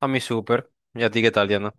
A mí súper. ¿Y a ti qué tal, Diana?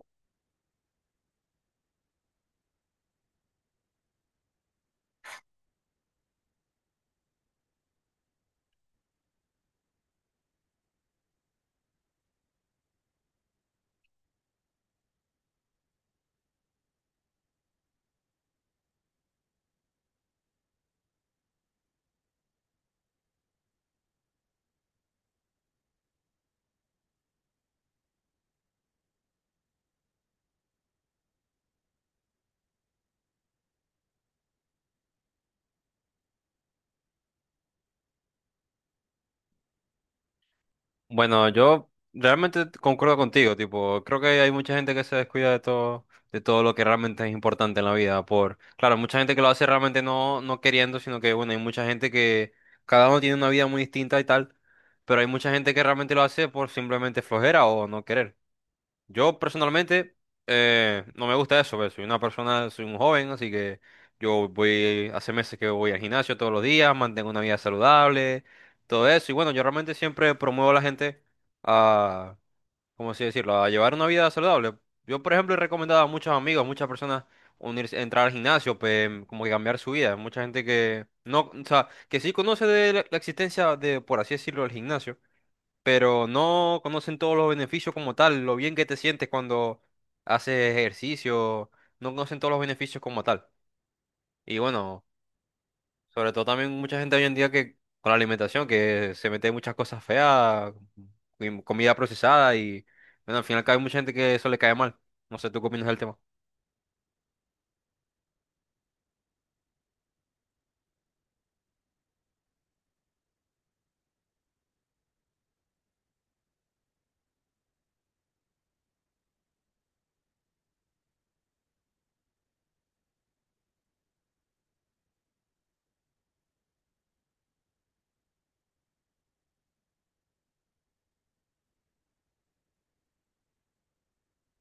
Bueno, yo realmente concuerdo contigo, tipo, creo que hay mucha gente que se descuida de todo lo que realmente es importante en la vida, por, claro, mucha gente que lo hace realmente no, no queriendo, sino que, bueno, hay mucha gente que cada uno tiene una vida muy distinta y tal, pero hay mucha gente que realmente lo hace por simplemente flojera o no querer. Yo personalmente no me gusta eso, ¿ves? Soy una persona, soy un joven, así que yo voy, hace meses que voy al gimnasio todos los días, mantengo una vida saludable, todo eso. Y bueno, yo realmente siempre promuevo a la gente a, ¿cómo así decirlo?, a llevar una vida saludable. Yo, por ejemplo, he recomendado a muchos amigos, muchas personas unirse, entrar al gimnasio, como que cambiar su vida. Mucha gente que no, o sea, que sí conoce de la existencia de, por así decirlo, el gimnasio, pero no conocen todos los beneficios como tal, lo bien que te sientes cuando haces ejercicio, no conocen todos los beneficios como tal. Y bueno, sobre todo también mucha gente hoy en día que con la alimentación, que se mete muchas cosas feas, comida procesada y bueno, al final cae mucha gente que eso le cae mal. No sé, ¿tú qué opinas del tema?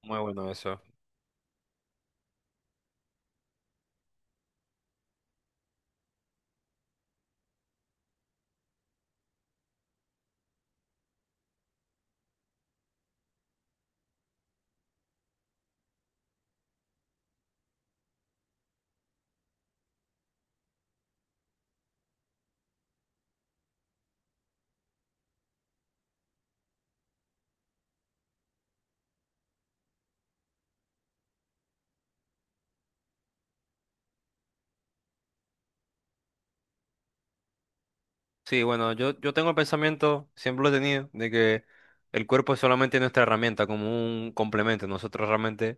Muy bueno eso. Sí, bueno, yo tengo el pensamiento, siempre lo he tenido, de que el cuerpo es solamente nuestra herramienta, como un complemento. Nosotros realmente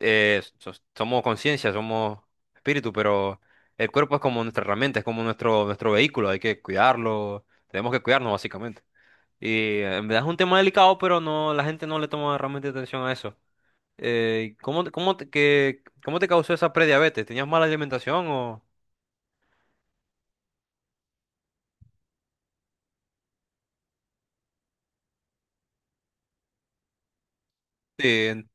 somos conciencia, somos espíritu, pero el cuerpo es como nuestra herramienta, es como nuestro, nuestro vehículo, hay que cuidarlo, tenemos que cuidarnos básicamente. Y en verdad es un tema delicado, pero no, la gente no le toma realmente atención a eso. ¿ cómo te causó esa prediabetes? ¿Tenías mala alimentación o...? Sí, en-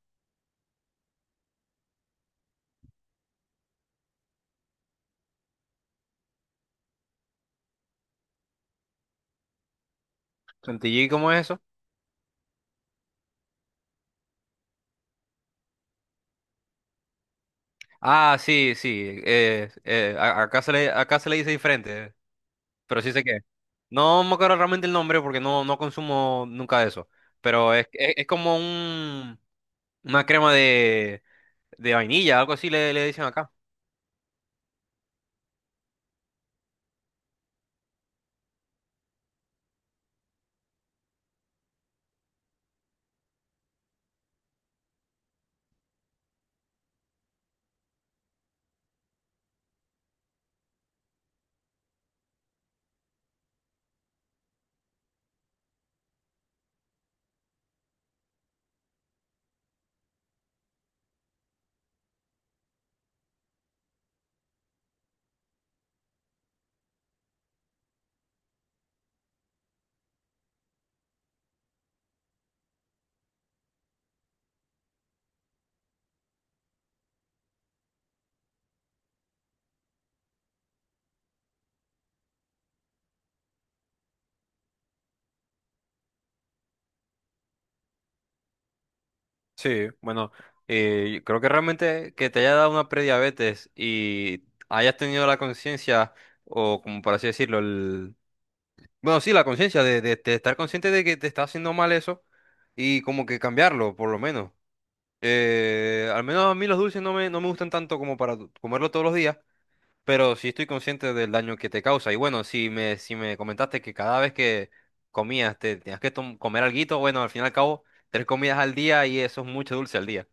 ¿Chantilly cómo es eso? Ah, sí, sí. Acá se le, acá se le dice diferente, pero sí sé qué. No me acuerdo realmente el nombre porque no, no consumo nunca eso. Pero es como un, una crema de vainilla, algo así le, le dicen acá. Sí, bueno, yo creo que realmente que te haya dado una prediabetes y hayas tenido la conciencia, o como por así decirlo, el... Bueno, sí, la conciencia de, de estar consciente de que te está haciendo mal eso y como que cambiarlo, por lo menos. Al menos a mí los dulces no me gustan tanto como para comerlo todos los días, pero sí estoy consciente del daño que te causa. Y bueno, si me comentaste que cada vez que comías te tenías que comer alguito, bueno, al fin y al cabo, tres comidas al día y eso es mucho dulce al día.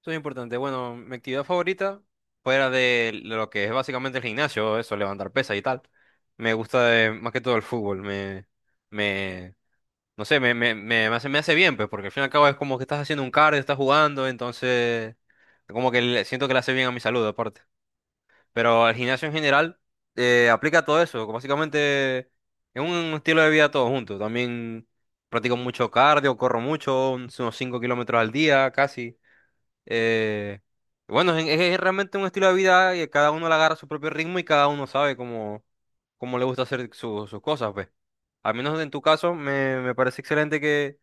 Eso es importante. Bueno, mi actividad favorita, fuera de lo que es básicamente el gimnasio, eso, levantar pesas y tal, me gusta más que todo el fútbol. Me No sé, me, me hace bien, pues, porque al fin y al cabo es como que estás haciendo un cardio, estás jugando, entonces como que siento que le hace bien a mi salud, aparte. Pero el gimnasio en general aplica todo eso, que básicamente es un estilo de vida todo junto. También practico mucho cardio, corro mucho, unos 5 km al día casi. Eh, bueno, es realmente un estilo de vida y cada uno le agarra su propio ritmo y cada uno sabe cómo, cómo le gusta hacer sus cosas, pues. Al menos en tu caso, me parece excelente que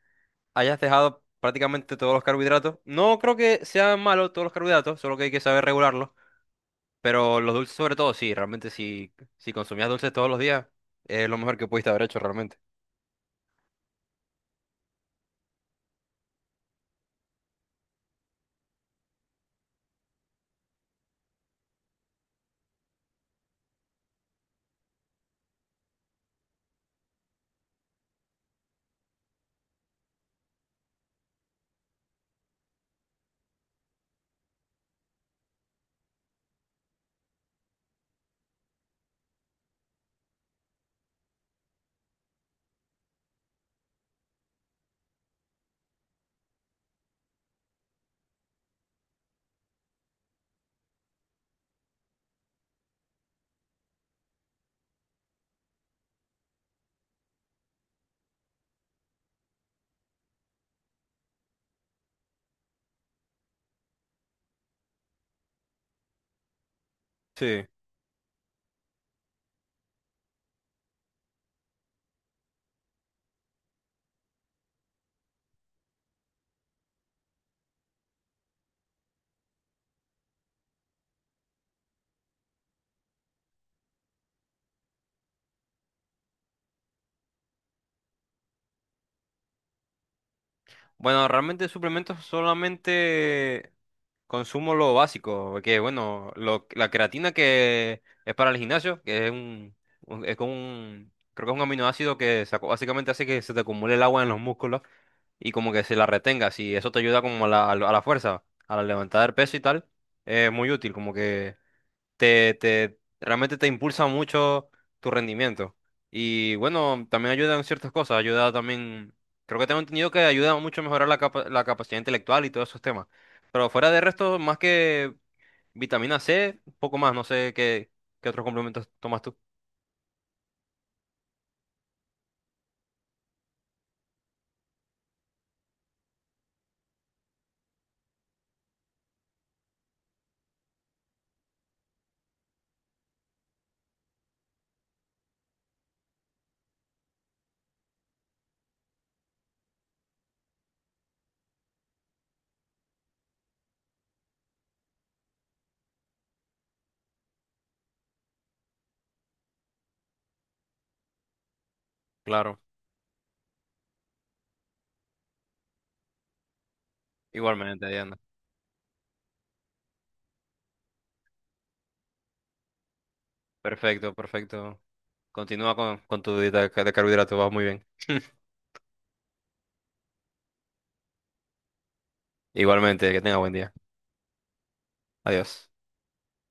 hayas dejado prácticamente todos los carbohidratos. No creo que sean malos todos los carbohidratos, solo que hay que saber regularlos. Pero los dulces sobre todo, sí, realmente si consumías dulces todos los días, es lo mejor que pudiste haber hecho realmente. Sí. Bueno, realmente suplementos solamente consumo lo básico, que bueno, la creatina que es para el gimnasio, que es un, es como un, creo que es un aminoácido que básicamente hace que se te acumule el agua en los músculos y como que se la retengas y eso te ayuda como a la, a la a la fuerza, a la levantada del peso y tal, es muy útil, como que te realmente te impulsa mucho tu rendimiento. Y bueno, también ayuda en ciertas cosas, ayuda también, creo que tengo entendido que ayuda mucho a mejorar la, la capacidad intelectual y todos esos temas. Pero fuera de resto, más que vitamina C, poco más, no sé qué, qué otros complementos tomas tú. Claro, igualmente, Diana. Perfecto, perfecto. Continúa con tu dieta de carbohidratos, vas muy bien. Igualmente, que tenga buen día. Adiós.